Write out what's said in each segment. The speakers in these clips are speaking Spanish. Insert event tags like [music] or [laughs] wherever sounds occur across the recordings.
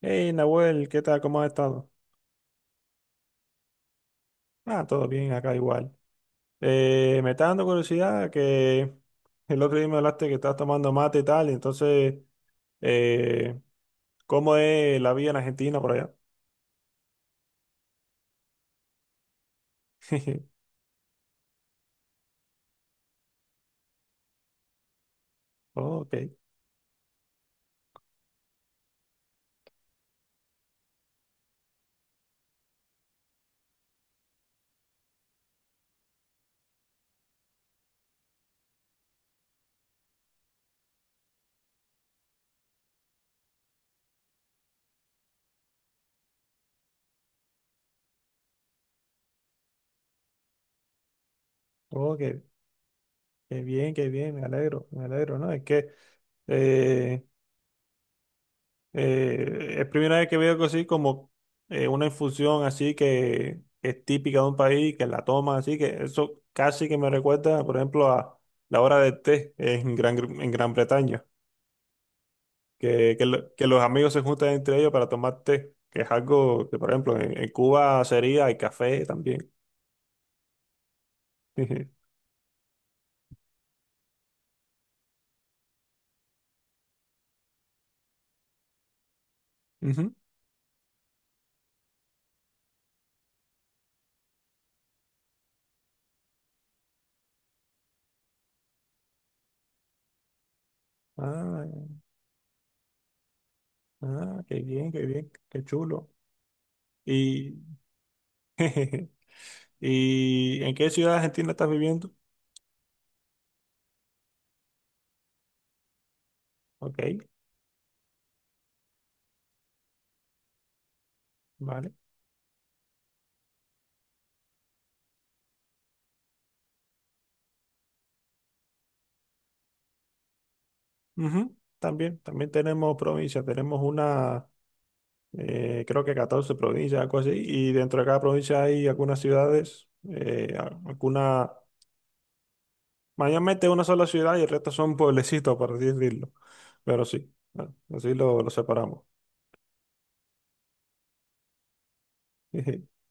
Hey, Nahuel, ¿qué tal? ¿Cómo has estado? Ah, todo bien, acá igual. Me está dando curiosidad que el otro día me hablaste que estás tomando mate y tal, entonces, eh, ¿cómo es la vida en Argentina por allá? [laughs] Ok, ok, qué bien, me alegro, ¿no? Es que eh, es primera vez que veo algo así como una infusión así que es típica de un país, que la toman así, que eso casi que me recuerda, por ejemplo, a la hora del té en Gran Bretaña, que los amigos se juntan entre ellos para tomar té, que es algo que, por ejemplo, en Cuba sería el café también. [laughs] Ujú. Ah, ah, qué bien, qué bien, qué chulo. ¿Y, [laughs] ¿y en qué ciudad de Argentina estás viviendo? Ok, vale. Ujú, también, también tenemos provincias, tenemos una, creo que 14 provincias, algo así, y dentro de cada provincia hay algunas ciudades, mayormente una sola ciudad y el resto son pueblecitos, por así decirlo, pero sí, bueno, así lo separamos. [laughs]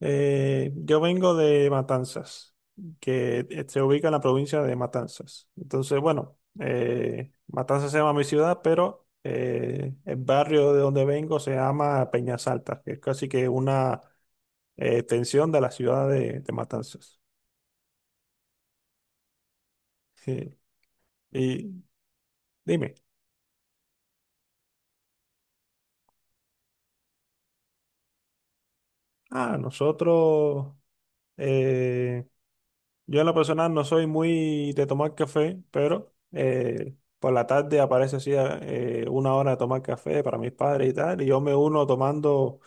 Yo vengo de Matanzas, que se ubica en la provincia de Matanzas. Entonces, bueno, Matanzas se llama mi ciudad, pero el barrio de donde vengo se llama Peñas Altas, que es casi que una extensión de la ciudad de Matanzas. Sí. Y dime, ah, nosotros, eh, yo en lo personal no soy muy de tomar café, pero por la tarde aparece así una hora de tomar café para mis padres y tal, y yo me uno tomando,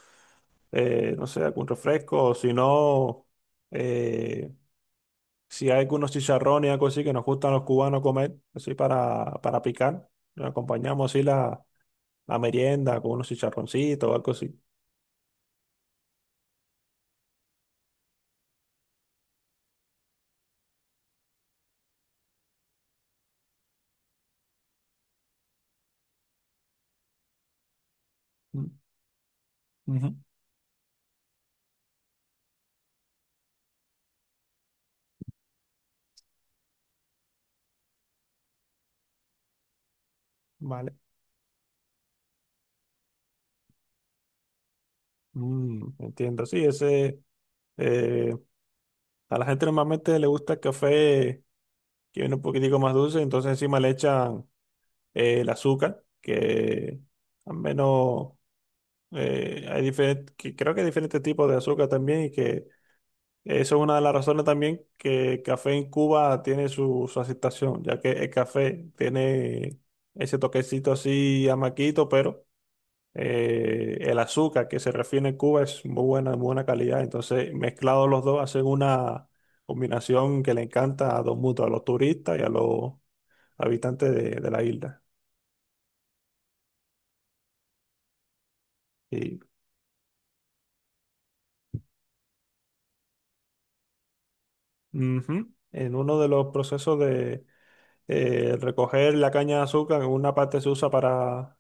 no sé, algún refresco, o si no, eh, si hay algunos chicharrones y algo así que nos gustan los cubanos comer, así para picar, nos acompañamos así la merienda con unos chicharroncitos o algo así. Mm, ujú, vale, mm, entiendo, sí, ese... eh, a la gente normalmente le gusta el café que viene un poquitico más dulce, entonces encima le echan el azúcar, que al menos creo que hay diferentes tipos de azúcar también y que eso es una de las razones también que el café en Cuba tiene su, su aceptación, ya que el café tiene ese toquecito así amaquito, pero el azúcar que se refiere en Cuba es muy buena calidad, entonces mezclados los dos hacen una combinación que le encanta a dos mutuos, a los turistas y a los habitante de la isla. Y ujú, en uno de los procesos de recoger la caña de azúcar, una parte se usa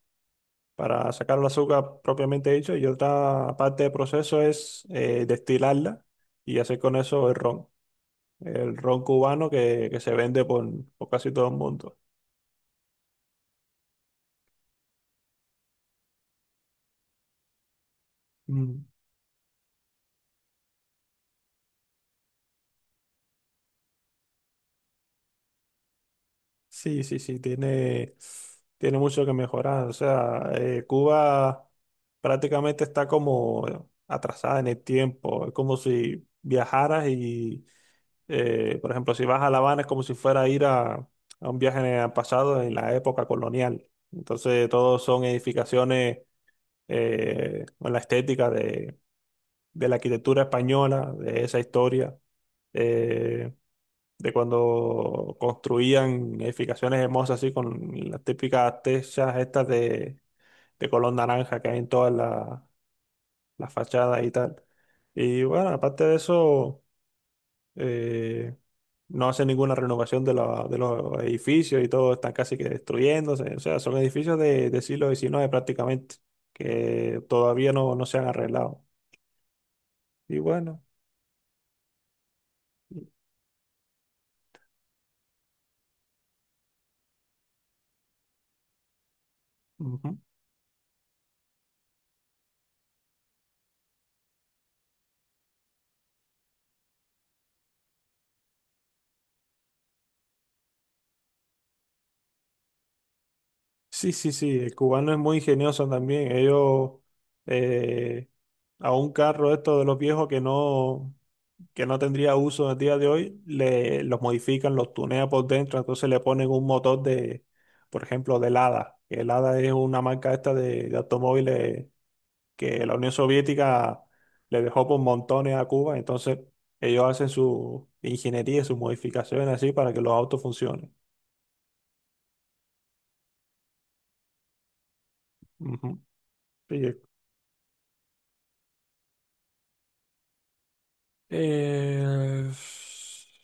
para sacar el azúcar propiamente dicho y otra parte del proceso es destilarla y hacer con eso el ron cubano que se vende por casi todo el mundo. Mm. Sí, sí, sí, tiene mucho que mejorar. O sea, Cuba prácticamente está como atrasada en el tiempo. Es como si viajaras y, por ejemplo, si vas a La Habana es como si fuera a ir a un viaje en el pasado en la época colonial. Entonces, todos son edificaciones con la estética de la arquitectura española, de esa historia. Eh, de cuando construían edificaciones hermosas así con las típicas techas estas de color naranja que hay en todas las fachadas y tal. Y bueno, aparte de eso, eh, no hacen ninguna renovación de los edificios y todo están casi que destruyéndose. O sea, son edificios de siglo XIX prácticamente, que todavía no se han arreglado. Y bueno, ujú. Sí, sí, sí, el cubano es muy ingenioso también. Ellos eh, a un carro esto de los viejos que no tendría uso en el día de hoy, le, los modifican, los tunean por dentro, entonces le ponen un motor de, por ejemplo, del Lada. Que el Lada es una marca esta de automóviles que la Unión Soviética le dejó por montones a Cuba, entonces ellos hacen su ingeniería, sus modificaciones así para que los autos funcionen. Ujú. Sí, Eh,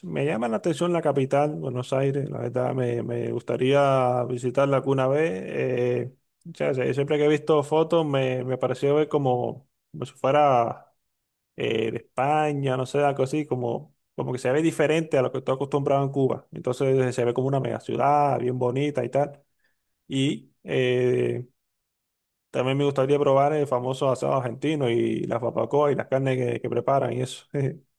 me llama la atención la capital, Buenos Aires, la verdad, me gustaría visitarla alguna vez. O sea, siempre que he visto fotos me pareció ver como, como si fuera de España, no sé, algo así, como que se ve diferente a lo que estoy acostumbrado en Cuba. Entonces se ve como una mega ciudad, bien bonita y tal. Y también me gustaría probar el famoso asado argentino y las barbacoas y las carnes que preparan y eso. [laughs]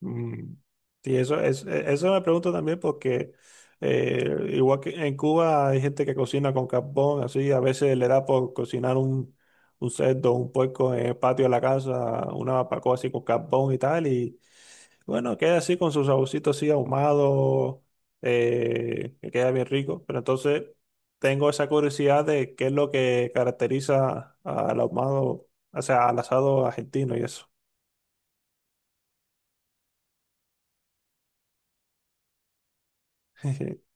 Mm, sí, eso es, eso me pregunto también porque igual que en Cuba hay gente que cocina con carbón, así a veces le da por cocinar un cerdo, un puerco en el patio de la casa, una barbacoa así con carbón y tal, y bueno, queda así con su saborcito así ahumado, que queda bien rico, pero entonces tengo esa curiosidad de qué es lo que caracteriza al ahumado, o sea, al asado argentino y eso. [laughs]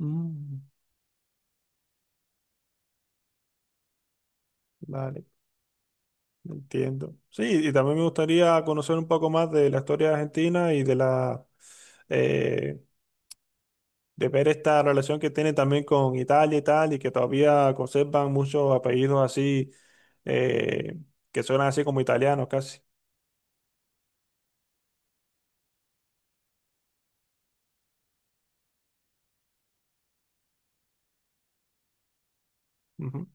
Mm, vale. Entiendo. Sí, y también me gustaría conocer un poco más de la historia de Argentina y de la eh, de ver esta relación que tiene también con Italia y tal, y que todavía conservan muchos apellidos así eh, que suenan así como italianos casi. Ujú.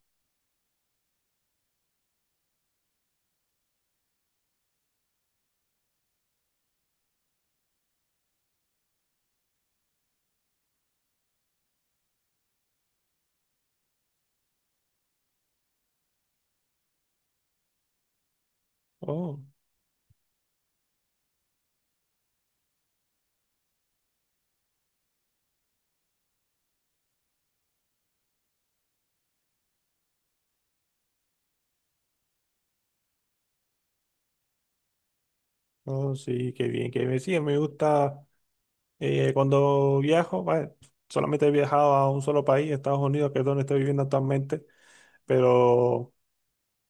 Oh, oh, sí, qué bien, qué bien. Sí, me gusta cuando viajo, bueno, solamente he viajado a un solo país, Estados Unidos, que es donde estoy viviendo actualmente, pero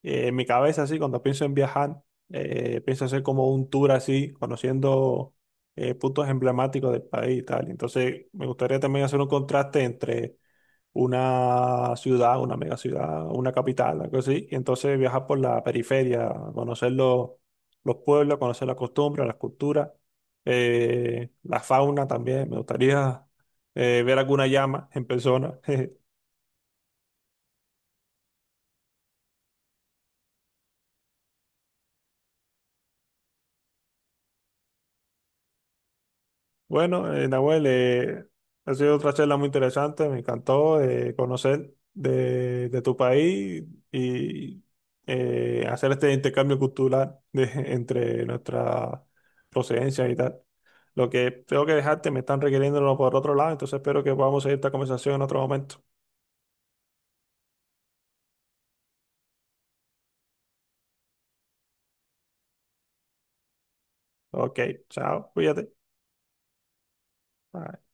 en mi cabeza, así, cuando pienso en viajar, pienso hacer como un tour así, conociendo puntos emblemáticos del país y tal. Entonces, me gustaría también hacer un contraste entre una ciudad, una mega ciudad, una capital, algo así, y entonces viajar por la periferia, conocer los pueblos, conocer las costumbres, las culturas, la fauna también. Me gustaría ver alguna llama en persona. [laughs] Bueno, Nahuel, ha sido otra charla muy interesante, me encantó conocer de tu país y hacer este intercambio cultural [laughs] entre nuestras procedencias y tal. Lo que tengo que dejarte, me están requiriéndolo por otro lado, entonces espero que podamos seguir esta conversación en otro momento. Ok, chao, cuídate. Bye.